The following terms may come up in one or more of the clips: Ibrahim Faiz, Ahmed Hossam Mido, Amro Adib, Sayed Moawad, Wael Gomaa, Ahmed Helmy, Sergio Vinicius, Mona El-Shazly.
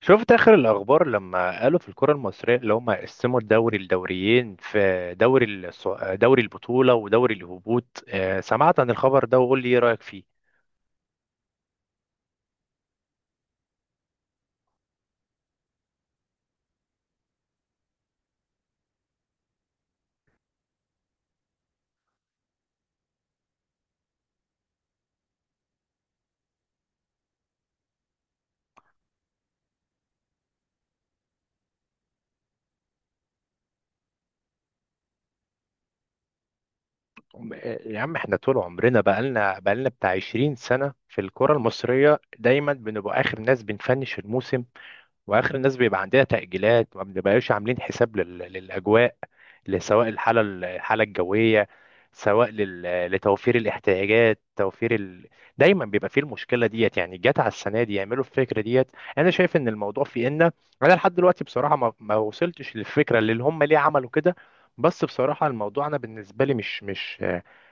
شفت اخر الاخبار لما قالوا في الكره المصريه اللي هم قسموا الدوري لدوريين في دوري دوري البطوله ودوري الهبوط، سمعت عن الخبر ده وقول لي ايه رايك فيه. يا عم احنا طول عمرنا بقالنا بتاع 20 سنه في الكره المصريه، دايما بنبقى اخر ناس بنفنش الموسم، واخر الناس بيبقى عندها تأجيلات. ما بنبقاش عاملين حساب للاجواء، سواء الحاله الجويه، سواء لتوفير الاحتياجات، دايما بيبقى فيه المشكله ديت. يعني جت على السنه دي يعملوا الفكره ديت. انا شايف ان الموضوع في ان، انا لحد دلوقتي بصراحه ما وصلتش للفكره اللي هم ليه عملوا كده. بس بصراحه الموضوع انا بالنسبه لي مش مش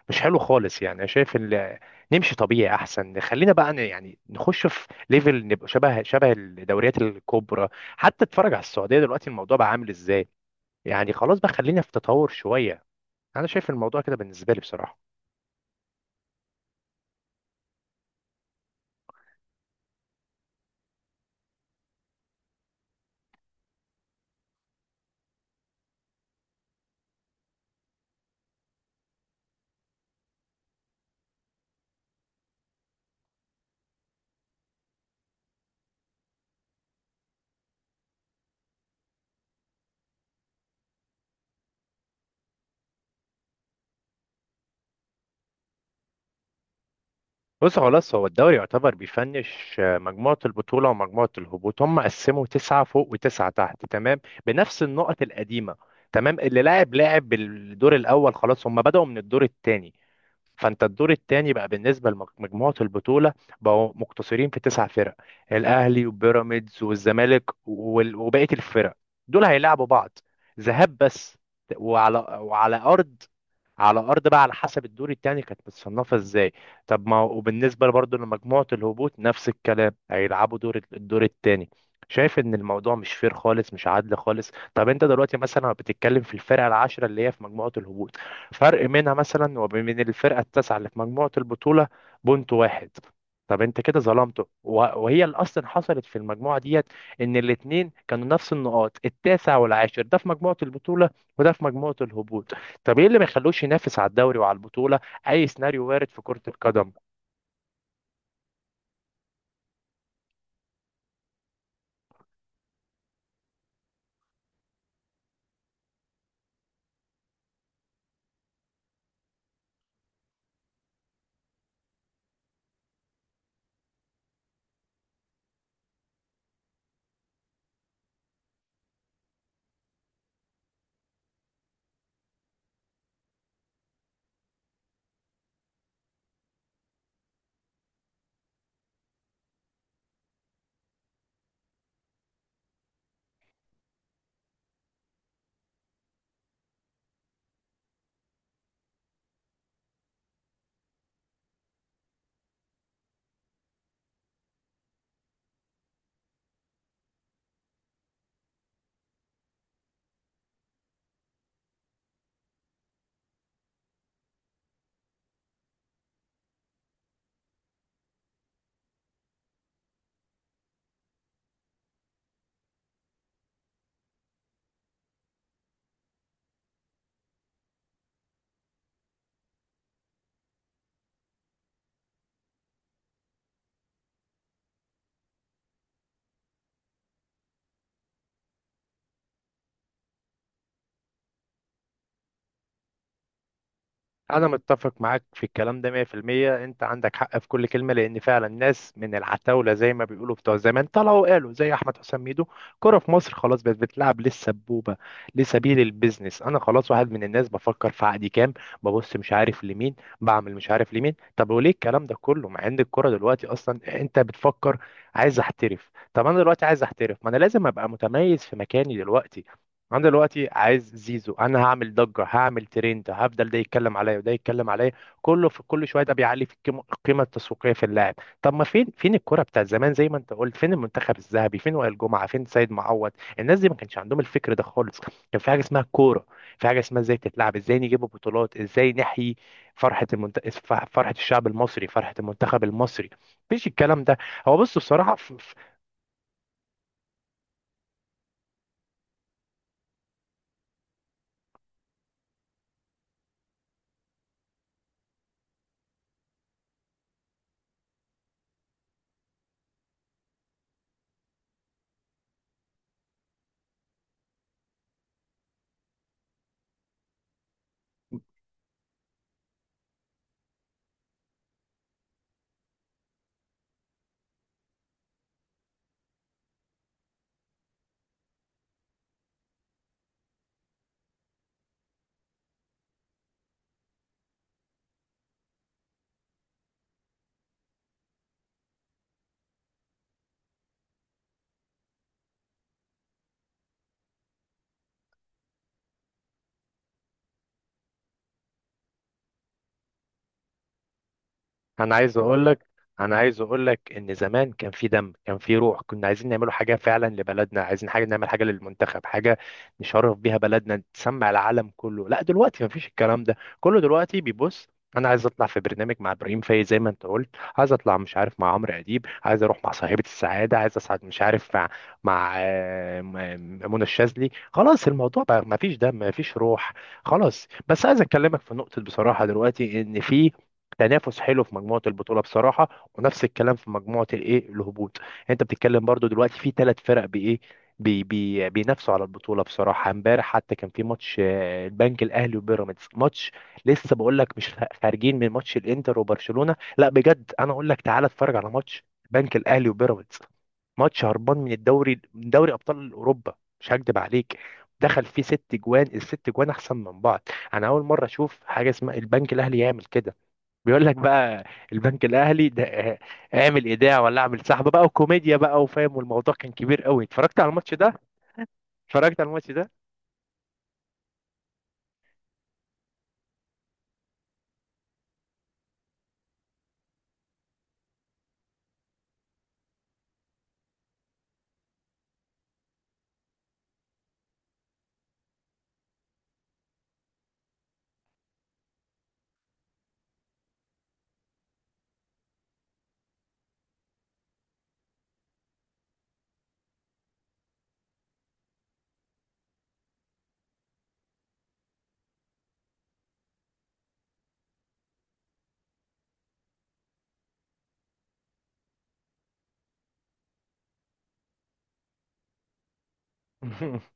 مش حلو خالص. يعني انا شايف ان نمشي طبيعي احسن. خلينا بقى يعني نخش في ليفل، نبقى شبه الدوريات الكبرى. حتى اتفرج على السعوديه دلوقتي الموضوع بقى عامل ازاي. يعني خلاص بقى، خلينا في تطور شويه. انا شايف الموضوع كده بالنسبه لي بصراحه. بص، خلاص هو الدوري يعتبر بيفنش، مجموعه البطوله ومجموعه الهبوط. هم قسموا تسعه فوق وتسعه تحت، تمام، بنفس النقط القديمه. تمام، اللي لاعب بالدور الاول خلاص. هم بدأوا من الدور الثاني. فانت الدور الثاني بقى بالنسبه لمجموعه البطوله بقوا مقتصرين في تسع فرق: الاهلي وبيراميدز والزمالك وبقيه الفرق. دول هيلعبوا بعض ذهاب بس، وعلى ارض، على ارض بقى على حسب الدور التاني كانت متصنفه ازاي. طب ما هو- وبالنسبه برضه لمجموعه الهبوط نفس الكلام، هيلعبوا دور الدور التاني. شايف ان الموضوع مش فير خالص، مش عادل خالص. طب انت دلوقتي مثلا بتتكلم في الفرقه العاشره اللي هي في مجموعه الهبوط، فرق منها مثلا وبين الفرقه التاسعه اللي في مجموعه البطوله بونت واحد. طب انت كده ظلمته، وهي اللي اصلا حصلت في المجموعه ديت، ان الاثنين كانوا نفس النقاط، التاسع والعاشر، ده في مجموعه البطوله وده في مجموعه الهبوط. طب ايه اللي ما يخلوش ينافس على الدوري وعلى البطولة؟ اي سيناريو وارد في كرة القدم. انا متفق معاك في الكلام ده 100%. انت عندك حق في كل كلمة، لان فعلا ناس من العتاولة زي ما بيقولوا بتوع زمان طلعوا قالوا، زي احمد حسام ميدو، كرة في مصر خلاص بقت بتلعب للسبوبة، لسبيل البيزنس. انا خلاص واحد من الناس بفكر في عقدي كام، ببص مش عارف لمين، بعمل مش عارف لمين. طب وليه الكلام ده كله؟ مع ان الكرة دلوقتي اصلا انت بتفكر عايز احترف. طب انا دلوقتي عايز احترف، ما انا لازم ابقى متميز في مكاني دلوقتي. انا دلوقتي عايز زيزو، انا هعمل ضجه، هعمل ترند، هفضل ده يتكلم عليا وده يتكلم عليا كله في كل شويه، ده بيعلي في القيمة التسويقيه في اللاعب. طب ما فين فين الكره بتاع زمان زي ما انت قلت؟ فين المنتخب الذهبي؟ فين وائل جمعه؟ فين سيد معوض؟ الناس دي ما كانش عندهم الفكر ده خالص. كان في حاجه اسمها كوره، في حاجه اسمها ازاي تتلعب، ازاي نجيب بطولات، ازاي نحيي فرحه المنت... فرحه الشعب المصري، فرحه المنتخب المصري. مفيش الكلام ده. هو بص بصراحه، انا عايز اقول لك انا عايز اقول لك ان زمان كان في دم، كان في روح، كنا عايزين نعملوا حاجه فعلا لبلدنا، عايزين حاجه نعمل حاجه للمنتخب، حاجه نشرف بيها بلدنا، تسمع العالم كله. لا دلوقتي مفيش الكلام ده كله. دلوقتي بيبص: انا عايز اطلع في برنامج مع ابراهيم فايز زي ما انت قلت، عايز اطلع مش عارف مع عمرو اديب، عايز اروح مع صاحبه السعاده، عايز اصعد مش عارف مع منى الشاذلي. خلاص الموضوع بقى مفيش دم مفيش روح. خلاص بس عايز اكلمك في نقطه بصراحه: دلوقتي ان في تنافس حلو في مجموعه البطوله بصراحه، ونفس الكلام في مجموعه الايه الهبوط. انت بتتكلم برضو دلوقتي في ثلاث فرق بايه، بي بينافسوا على البطوله. بصراحه امبارح حتى كان في ماتش البنك الاهلي وبيراميدز، ماتش لسه بقول لك، مش خارجين من ماتش الانتر وبرشلونه. لا بجد انا اقول لك تعالى اتفرج على ماتش البنك الاهلي وبيراميدز، ماتش هربان من الدوري، من دوري ابطال اوروبا. مش هكدب عليك، دخل فيه ست جوان، الست جوان احسن من بعض. انا اول مره اشوف حاجه اسمها البنك الاهلي يعمل كده. بيقول لك بقى البنك الاهلي ده، اعمل ايداع ولا اعمل سحب بقى، وكوميديا بقى وفاهم، والموضوع كان كبير قوي. اتفرجت على الماتش ده.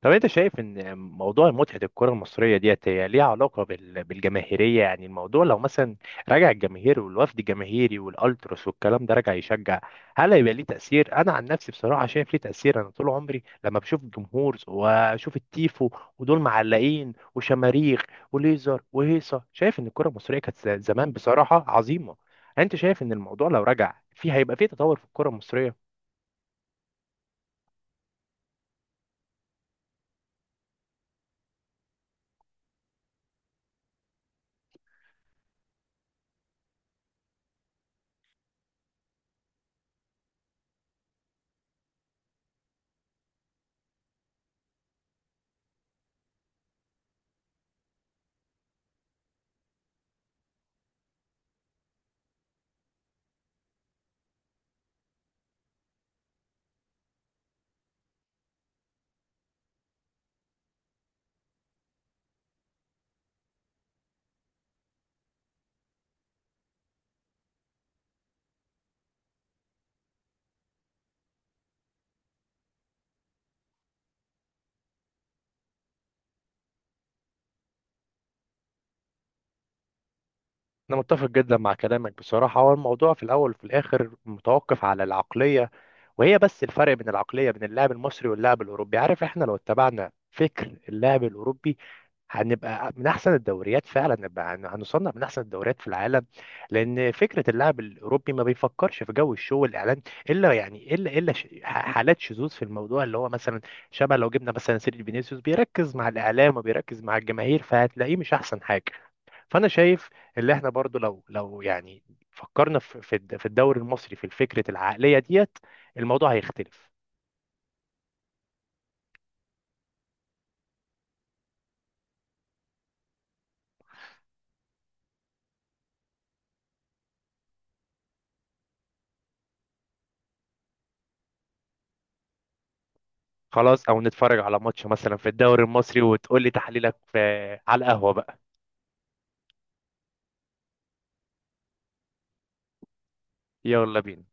طب انت شايف ان موضوع متعة الكرة المصرية ديت هي ليها علاقة بالجماهيرية؟ يعني الموضوع لو مثلا رجع الجماهير والوفد الجماهيري والالتراس والكلام ده رجع يشجع، هل هيبقى ليه تأثير؟ انا عن نفسي بصراحة شايف ليه تأثير. انا طول عمري لما بشوف الجمهور واشوف التيفو ودول معلقين وشماريخ وليزر وهيصة، شايف ان الكرة المصرية كانت زمان بصراحة عظيمة. انت شايف ان الموضوع لو رجع في هيبقى فيه تطور في الكرة المصرية؟ أنا متفق جدا مع كلامك بصراحة. هو الموضوع في الأول وفي الآخر متوقف على العقلية، وهي بس الفرق بين العقلية بين اللاعب المصري واللاعب الأوروبي. عارف إحنا لو اتبعنا فكر اللاعب الأوروبي هنبقى من أحسن الدوريات، فعلا نبقى هنصنف من أحسن الدوريات في العالم. لأن فكرة اللاعب الأوروبي ما بيفكرش في جو الشو والإعلان، إلا يعني حالات شذوذ في الموضوع، اللي هو مثلا شبه لو جبنا مثلا سيرجي فينيسيوس بيركز مع الإعلام وبيركز مع الجماهير، فهتلاقيه مش أحسن حاجة. فانا شايف اللي احنا برضو لو يعني فكرنا في الدوري المصري في فكره العقليه ديت، الموضوع هيختلف. خلاص او نتفرج على ماتش مثلا في الدوري المصري وتقول لي تحليلك في، على القهوه بقى. يلا بينا.